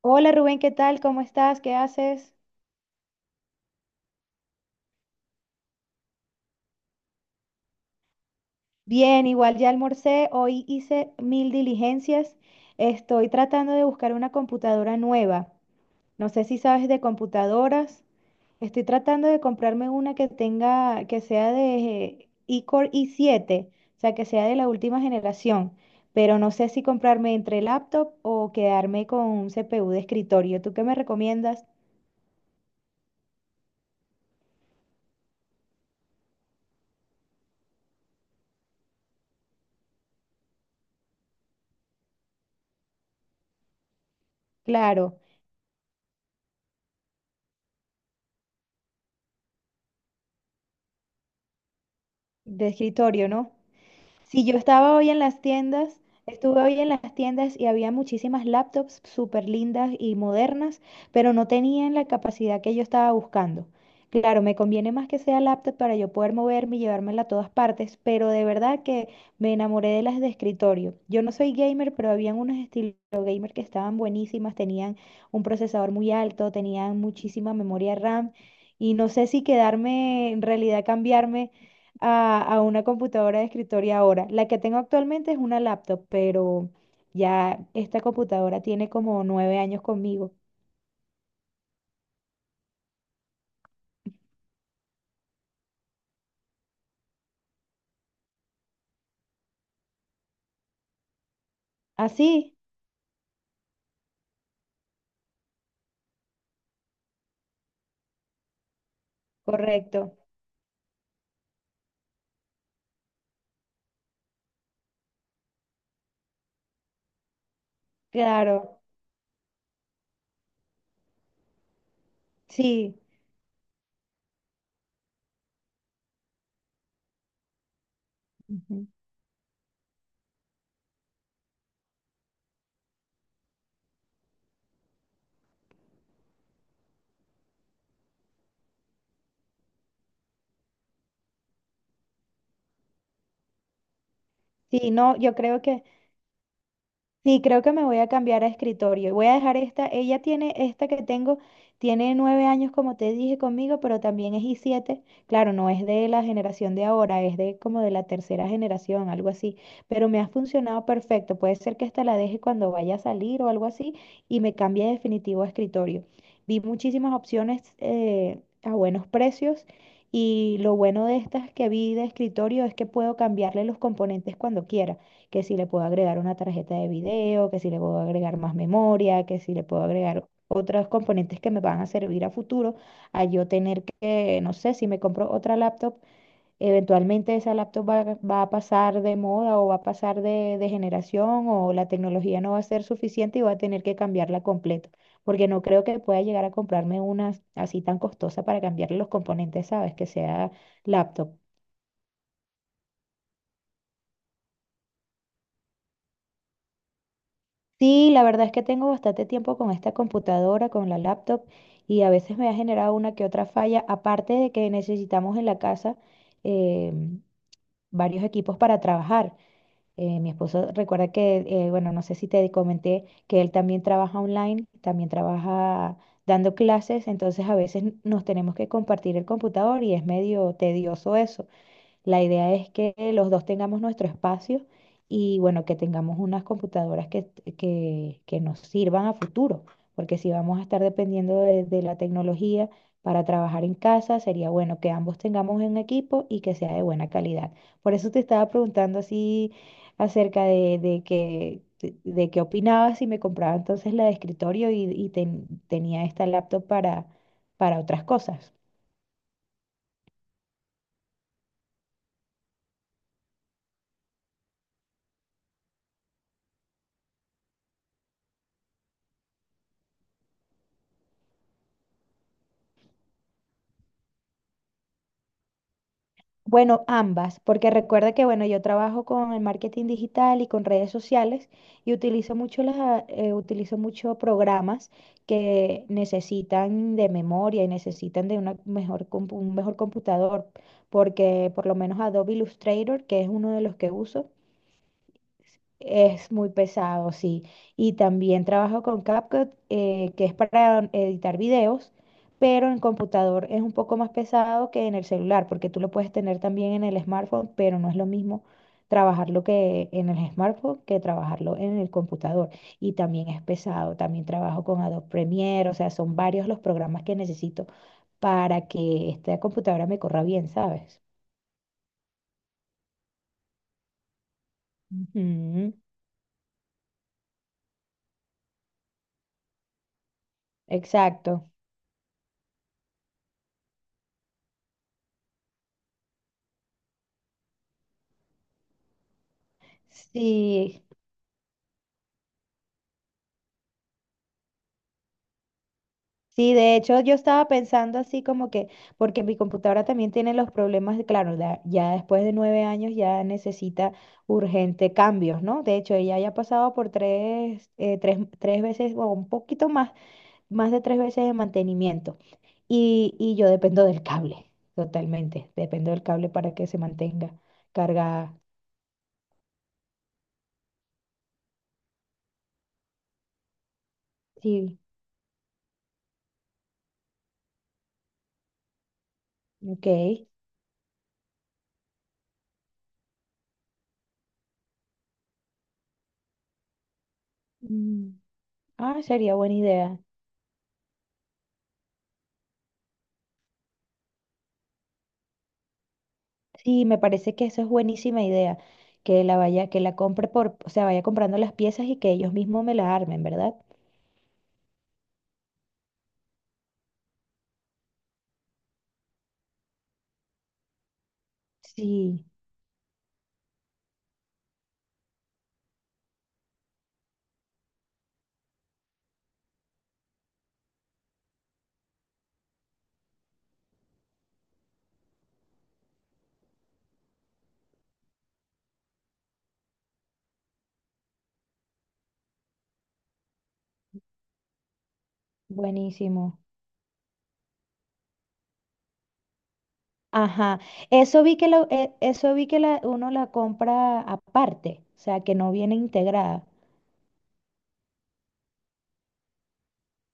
Hola Rubén, ¿qué tal? ¿Cómo estás? ¿Qué haces? Bien, igual ya almorcé, hoy hice mil diligencias. Estoy tratando de buscar una computadora nueva. No sé si sabes de computadoras. Estoy tratando de comprarme una que sea de iCore i7, o sea, que sea de la última generación, pero no sé si comprarme entre laptop o quedarme con un CPU de escritorio. ¿Tú qué me recomiendas? Claro, de escritorio, ¿no? Si yo estaba hoy en las tiendas, estuve hoy en las tiendas y había muchísimas laptops súper lindas y modernas, pero no tenían la capacidad que yo estaba buscando. Claro, me conviene más que sea laptop para yo poder moverme y llevármela a todas partes, pero de verdad que me enamoré de las de escritorio. Yo no soy gamer, pero habían unas estilo gamer que estaban buenísimas, tenían un procesador muy alto, tenían muchísima memoria RAM y no sé si quedarme, en realidad cambiarme a una computadora de escritorio ahora. La que tengo actualmente es una laptop, pero ya esta computadora tiene como 9 años conmigo. Así, correcto, claro, sí. Ujú. Sí, no, yo creo que, sí, creo que me voy a cambiar a escritorio y voy a dejar esta. Ella tiene esta que tengo, tiene 9 años, como te dije conmigo, pero también es i7. Claro, no es de la generación de ahora, es de como de la tercera generación, algo así. Pero me ha funcionado perfecto. Puede ser que esta la deje cuando vaya a salir o algo así y me cambie definitivo a escritorio. Vi muchísimas opciones, a buenos precios, y lo bueno de estas que vi de escritorio es que puedo cambiarle los componentes cuando quiera, que si le puedo agregar una tarjeta de video, que si le puedo agregar más memoria, que si le puedo agregar otros componentes que me van a servir a futuro, a yo tener que, no sé, si me compro otra laptop, eventualmente esa laptop va, a pasar de moda o va a pasar de generación o la tecnología no va a ser suficiente y voy a tener que cambiarla completa, porque no creo que pueda llegar a comprarme una así tan costosa para cambiarle los componentes, ¿sabes? Que sea laptop. Sí, la verdad es que tengo bastante tiempo con esta computadora, con la laptop, y a veces me ha generado una que otra falla, aparte de que necesitamos en la casa, eh, varios equipos para trabajar. Mi esposo, recuerda que, bueno, no sé si te comenté que él también trabaja online, también trabaja dando clases, entonces a veces nos tenemos que compartir el computador y es medio tedioso eso. La idea es que los dos tengamos nuestro espacio y, bueno, que tengamos unas computadoras que nos sirvan a futuro, porque si vamos a estar dependiendo de la tecnología para trabajar en casa, sería bueno que ambos tengamos un equipo y que sea de buena calidad. Por eso te estaba preguntando así acerca de qué opinabas si me compraba entonces la de escritorio y tenía esta laptop para otras cosas. Bueno, ambas, porque recuerda que, bueno, yo trabajo con el marketing digital y con redes sociales y utilizo mucho programas que necesitan de memoria y necesitan de un mejor computador, porque por lo menos Adobe Illustrator, que es uno de los que uso, es muy pesado, sí. Y también trabajo con CapCut, que es para editar videos, pero en computador es un poco más pesado que en el celular, porque tú lo puedes tener también en el smartphone, pero no es lo mismo trabajarlo que en el smartphone que trabajarlo en el computador. Y también es pesado. También trabajo con Adobe Premiere, o sea, son varios los programas que necesito para que esta computadora me corra bien, ¿sabes? Ujú. Exacto. Sí. Sí, de hecho yo estaba pensando así como que, porque mi computadora también tiene los problemas, claro, ya después de 9 años ya necesita urgente cambios, ¿no? De hecho, ella ya ha pasado por tres veces o un poquito más de 3 veces de mantenimiento. Y yo dependo del cable, totalmente, dependo del cable para que se mantenga cargada. Sí, ok. Mm. Ah, sería buena idea. Sí, me parece que eso es buenísima idea, que la compre por, o sea, vaya comprando las piezas y que ellos mismos me las armen, ¿verdad? Sí, buenísimo. Ajá, eso vi que la, uno la compra aparte, o sea, que no viene integrada.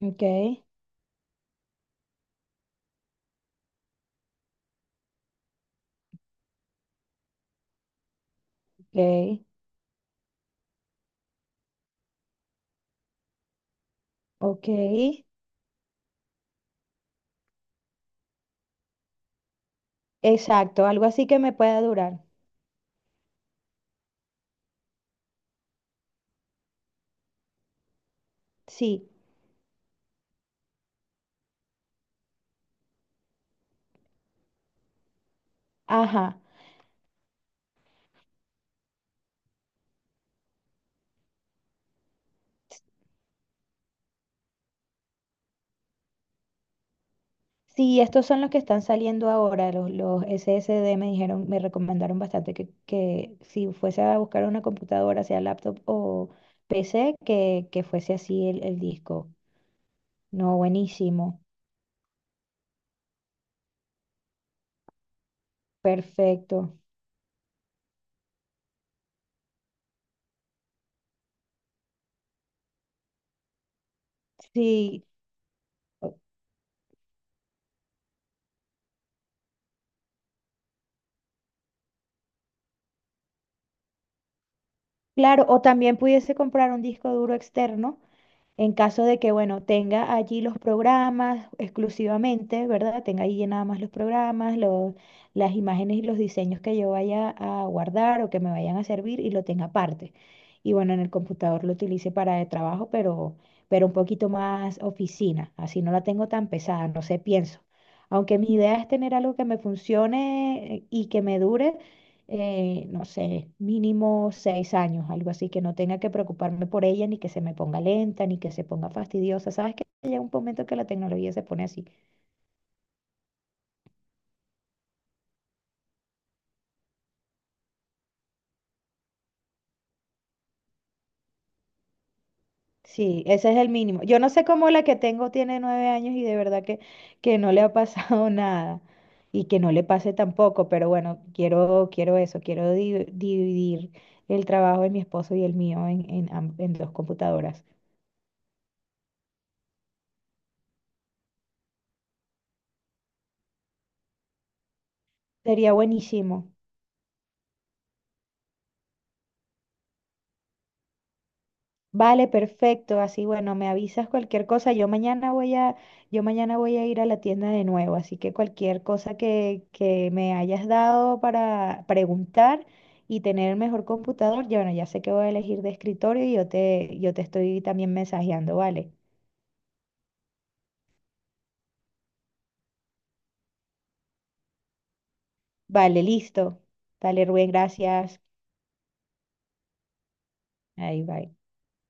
Ok, ok, ok. Exacto, algo así que me pueda durar. Sí, ajá. Sí, estos son los que están saliendo ahora, los SSD me dijeron, me recomendaron bastante que si fuese a buscar una computadora, sea laptop o PC, que fuese así el disco. No, buenísimo, perfecto. Sí, o- claro, o también pudiese comprar un disco duro externo. En caso de que, bueno, tenga allí los programas exclusivamente, ¿verdad? Tenga allí nada más los programas, las imágenes y los diseños que yo vaya a guardar o que me vayan a servir, y lo tenga aparte. Y bueno, en el computador lo utilice para el trabajo, pero, un poquito más oficina. Así no la tengo tan pesada, no sé, pienso. Aunque mi idea es tener algo que me funcione, y que me dure, no sé, mínimo 6 años, algo así, que no tenga que preocuparme por ella, ni que se me ponga lenta, ni que se ponga fastidiosa. Sabes que llega un momento que la tecnología se pone así. Sí, ese es el mínimo. Yo no sé cómo la que tengo tiene nueve años y de verdad que, no le ha pasado nada. Y que no le pase tampoco, pero bueno, quiero, eso, quiero dividir el trabajo de mi esposo y el mío en dos computadoras. Sería buenísimo. Vale, perfecto. Así, bueno, me avisas cualquier cosa. Yo mañana voy a ir a la tienda de nuevo, así que cualquier cosa que me hayas dado para preguntar y tener el mejor computador, ya, bueno, ya sé que voy a elegir de escritorio y yo te estoy también mensajeando, ¿vale? Vale, listo. Dale, Rubén, gracias. Ahí, bye.